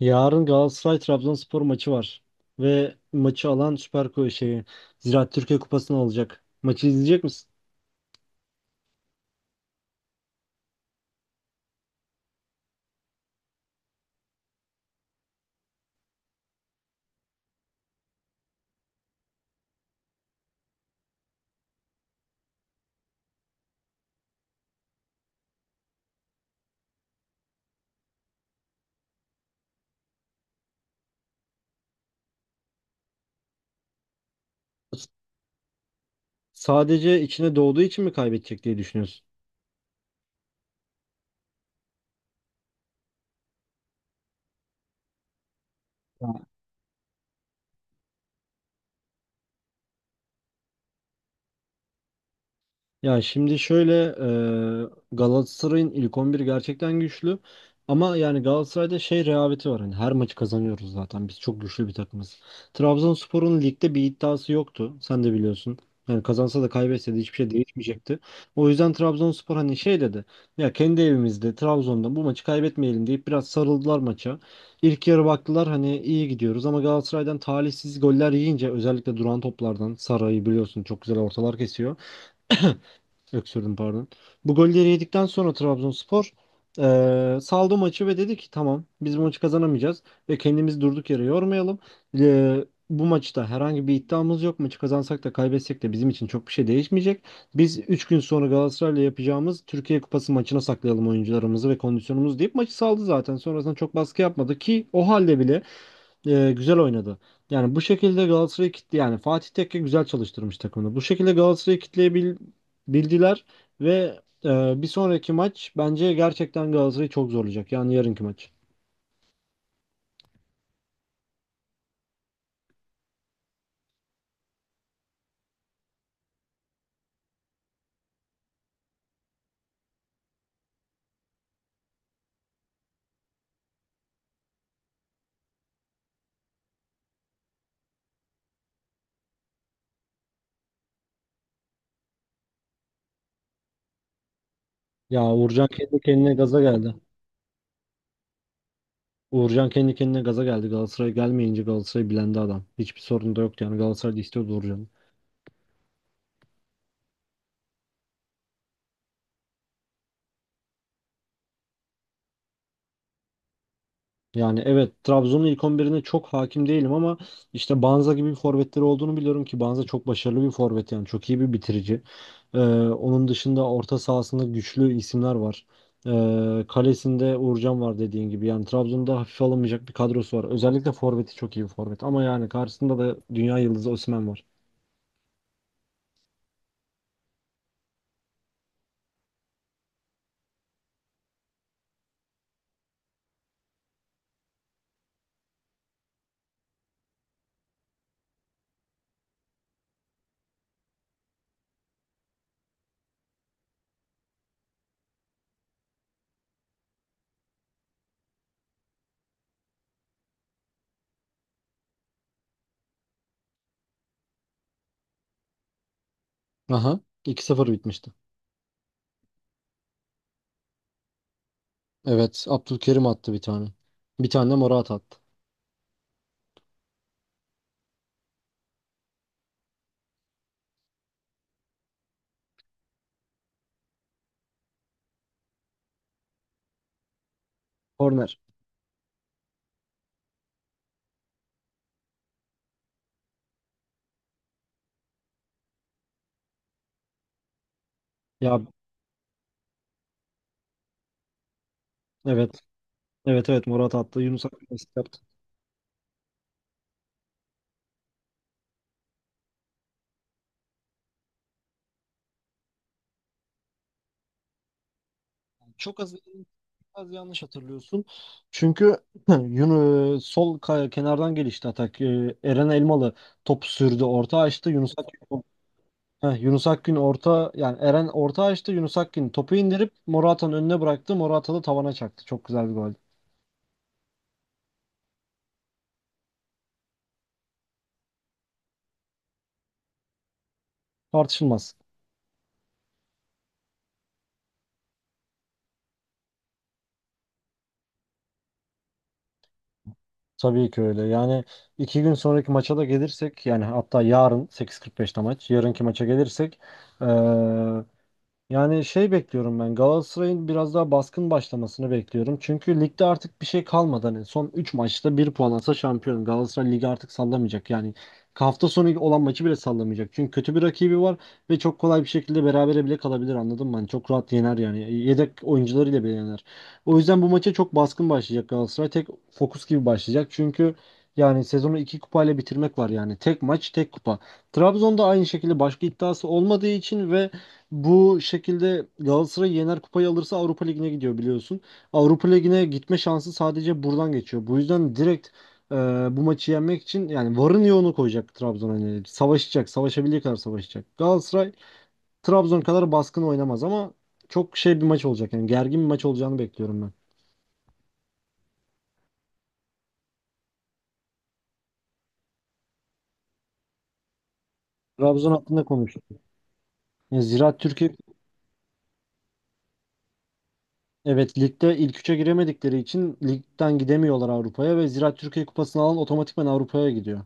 Yarın Galatasaray Trabzonspor maçı var. Ve maçı alan Süper Kupa şeyi Ziraat Türkiye Kupası'nı alacak. Maçı izleyecek misin? S- Sadece içine doğduğu için mi kaybedecek diye düşünüyorsun? Ya şimdi şöyle, e, Galatasaray'ın ilk 11 gerçekten güçlü, ama yani Galatasaray'da şey rehaveti var, hani her maçı kazanıyoruz zaten, biz çok güçlü bir takımız. Trabzonspor'un ligde bir iddiası yoktu, sen de biliyorsun. Yani kazansa da kaybetse de hiçbir şey değişmeyecekti. O yüzden Trabzonspor hani şey dedi. Ya kendi evimizde, Trabzon'da bu maçı kaybetmeyelim deyip biraz sarıldılar maça. İlk yarı baktılar hani iyi gidiyoruz, ama Galatasaray'dan talihsiz goller yiyince, özellikle duran toplardan, Saray'ı biliyorsun çok güzel ortalar kesiyor. Öksürdüm, pardon. Bu golleri yedikten sonra Trabzonspor saldı maçı ve dedi ki tamam, biz bu maçı kazanamayacağız ve kendimizi durduk yere yormayalım. Eee, bu maçta herhangi bir iddiamız yok. Maçı kazansak da kaybetsek de bizim için çok bir şey değişmeyecek. Biz 3 gün sonra Galatasaray'la yapacağımız Türkiye Kupası maçına saklayalım oyuncularımızı ve kondisyonumuzu deyip maçı saldı zaten. Sonrasında çok baskı yapmadı ki, o halde bile güzel oynadı. Yani bu şekilde Galatasaray'ı kitle, yani Fatih Tekke güzel çalıştırmış takımını. Bu şekilde Galatasaray'ı kitleyebildiler ve bir sonraki maç bence gerçekten Galatasaray'ı çok zorlayacak. Yani yarınki maç. Ya Uğurcan kendi kendine gaza geldi. Uğurcan kendi kendine gaza geldi. Galatasaray gelmeyince Galatasaray bilendi adam. Hiçbir sorun da yoktu, yani Galatasaray da istiyordu Uğurcan'ı. Yani evet, Trabzon'un ilk 11'ine çok hakim değilim ama işte Banza gibi bir forvetleri olduğunu biliyorum ki Banza çok başarılı bir forvet, yani çok iyi bir bitirici. Ee, onun dışında orta sahasında güçlü isimler var. Kalesinde Uğurcan var dediğin gibi, yani Trabzon'da hafife alınmayacak bir kadrosu var. Özellikle forveti çok iyi bir forvet, ama yani karşısında da dünya yıldızı Osimhen var. Aha. 2-0 bitmişti. Evet. Abdülkerim attı bir tane. Bir tane de Morata attı. Korner. Ya, evet, evet, evet, Morata attı, Yunus Akgün asist yaptı. Çok az, az yanlış hatırlıyorsun. Çünkü Yunus sol kenardan gelişti atak. Eren Elmalı top sürdü, orta açtı. Heh, Yunus Akgün orta, yani Eren orta açtı. Yunus Akgün topu indirip Morata'nın önüne bıraktı. Morata da tavana çaktı. Çok güzel bir gol. Tartışılmaz. Tabii ki öyle. Yani 2 gün sonraki maça da gelirsek, yani hatta yarın 8.45'te maç. Yarınki maça gelirsek, yani şey bekliyorum, ben Galatasaray'ın biraz daha baskın başlamasını bekliyorum. Çünkü ligde artık bir şey kalmadı. Hani son 3 maçta bir puan alsa şampiyon. Galatasaray ligi artık sallamayacak. Yani hafta sonu olan maçı bile sallamayacak. Çünkü kötü bir rakibi var ve çok kolay bir şekilde berabere bile kalabilir, anladın mı? Hani çok rahat yener yani. Yedek oyuncularıyla bile yener. O yüzden bu maça çok baskın başlayacak Galatasaray. Tek fokus gibi başlayacak. Çünkü yani sezonu 2 kupayla bitirmek var yani. Tek maç tek kupa. Trabzon'da aynı şekilde başka iddiası olmadığı için ve bu şekilde Galatasaray yener, kupayı alırsa Avrupa Ligi'ne gidiyor biliyorsun. Avrupa Ligi'ne gitme şansı sadece buradan geçiyor. Bu yüzden direkt e, bu maçı yenmek için yani varın yoğunu koyacak Trabzon. Hani savaşacak, savaşabildiği kadar savaşacak. Galatasaray Trabzon kadar baskın oynamaz, ama çok şey bir maç olacak. Yani gergin bir maç olacağını bekliyorum ben. Trabzon hakkında konuştuk. Yani Ziraat Türkiye Evet, ligde ilk üçe giremedikleri için ligden gidemiyorlar Avrupa'ya ve Ziraat Türkiye Kupası'nı alan otomatikman Avrupa'ya gidiyor.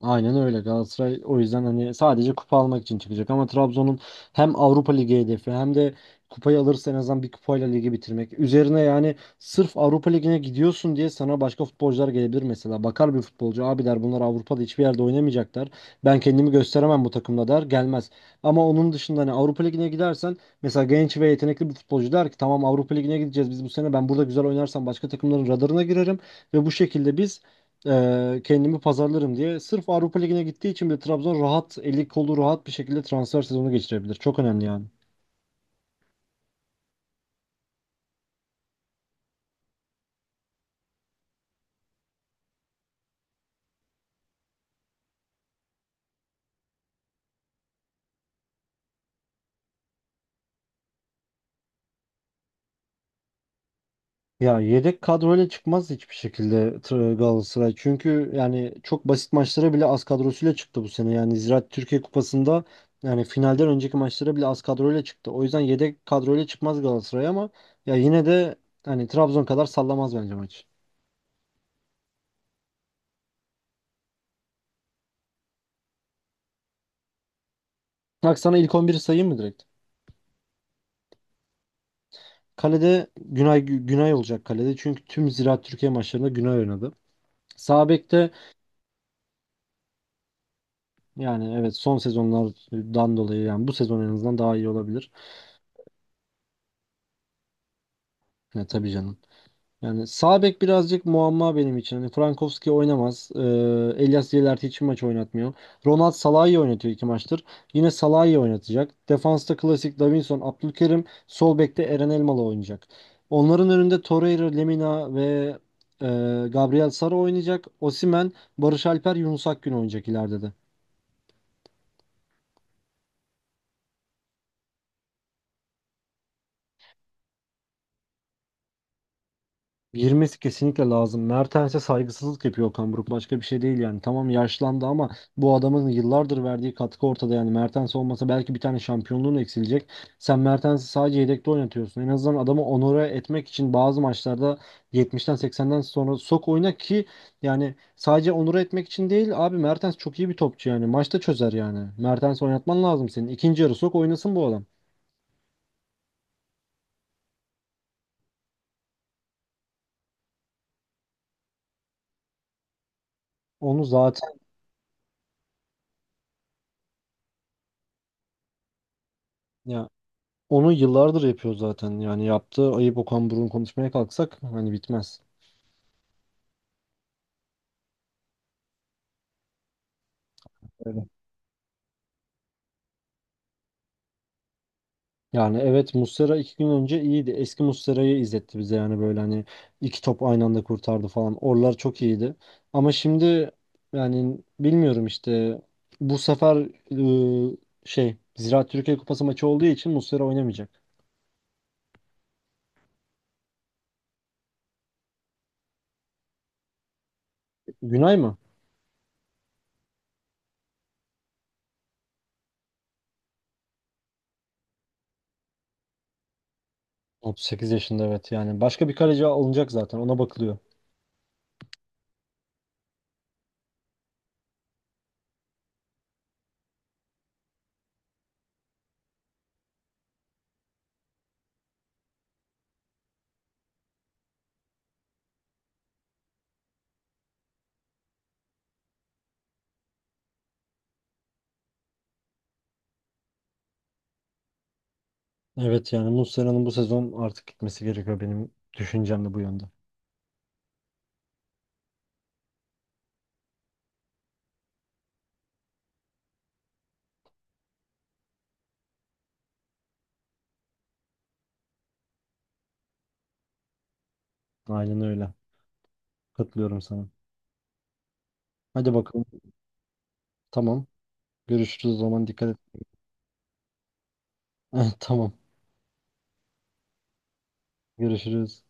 Aynen öyle, Galatasaray o yüzden hani sadece kupa almak için çıkacak, ama Trabzon'un hem Avrupa Ligi hedefi hem de kupayı alırsa en azından bir kupayla ligi bitirmek. Üzerine, yani sırf Avrupa Ligi'ne gidiyorsun diye sana başka futbolcular gelebilir mesela. Bakar bir futbolcu, abi der, bunlar Avrupa'da hiçbir yerde oynamayacaklar. Ben kendimi gösteremem bu takımda der, gelmez. Ama onun dışında hani Avrupa Ligi'ne gidersen mesela genç ve yetenekli bir futbolcu der ki tamam, Avrupa Ligi'ne gideceğiz biz bu sene, ben burada güzel oynarsam başka takımların radarına girerim ve bu şekilde biz kendimi pazarlarım diye. Sırf Avrupa Ligi'ne gittiği için bile Trabzon rahat, eli kolu rahat bir şekilde transfer sezonu geçirebilir. Çok önemli yani. Ya yedek kadroyla çıkmaz hiçbir şekilde Galatasaray. Çünkü yani çok basit maçlara bile az kadrosuyla çıktı bu sene. Yani Ziraat Türkiye Kupası'nda, yani finalden önceki maçlara bile az kadroyla çıktı. O yüzden yedek kadroyla çıkmaz Galatasaray, ama ya yine de hani Trabzon kadar sallamaz bence maç. Bak sana ilk 11'i sayayım mı direkt? Kalede Günay olacak kalede. Çünkü tüm Ziraat Türkiye maçlarında Günay oynadı. Sağ bekte, yani evet, son sezonlardan dolayı yani bu sezon en azından daha iyi olabilir. Ya tabii canım. Yani sağ bek birazcık muamma benim için. Hani Frankowski oynamaz. Elias Yelerti hiç maç oynatmıyor. Ronald Salah'ı oynatıyor iki maçtır. Yine Salah'ı oynatacak. Defansta klasik Davinson, Abdülkerim. Sol bekte Eren Elmalı oynayacak. Onların önünde Torreira, Lemina ve e, Gabriel Sara oynayacak. Osimhen, Barış Alper, Yunus Akgün oynayacak ileride de. Girmesi kesinlikle lazım. Mertens'e saygısızlık yapıyor Okan Buruk. Başka bir şey değil yani. Tamam yaşlandı, ama bu adamın yıllardır verdiği katkı ortada yani. Mertens olmasa belki bir tane şampiyonluğun eksilecek. Sen Mertens'i sadece yedekte oynatıyorsun. En azından adamı onore etmek için bazı maçlarda 70'ten 80'den sonra sok oyna ki, yani sadece onore etmek için değil abi, Mertens çok iyi bir topçu yani. Maçta çözer yani. Mertens'i oynatman lazım senin. İkinci yarı sok oynasın bu adam. Onu zaten ya Onu yıllardır yapıyor zaten. Yani yaptığı ayıp Okan Buruk'un, konuşmaya kalksak hani bitmez. Öyle. Yani evet, Muslera 2 gün önce iyiydi. Eski Muslera'yı izletti bize, yani böyle hani iki top aynı anda kurtardı falan. Oralar çok iyiydi. Ama şimdi yani bilmiyorum işte, bu sefer ıı, şey Ziraat Türkiye Kupası maçı olduğu için Muslera oynamayacak. Günay mı? 38 yaşında, evet, yani başka bir kaleci alınacak zaten, ona bakılıyor. Evet, yani Muslera'nın bu sezon artık gitmesi gerekiyor, benim düşüncem de bu yönde. Aynen öyle. Katılıyorum sana. Hadi bakalım. Tamam. Görüşürüz o zaman, dikkat et. Tamam. Görüşürüz.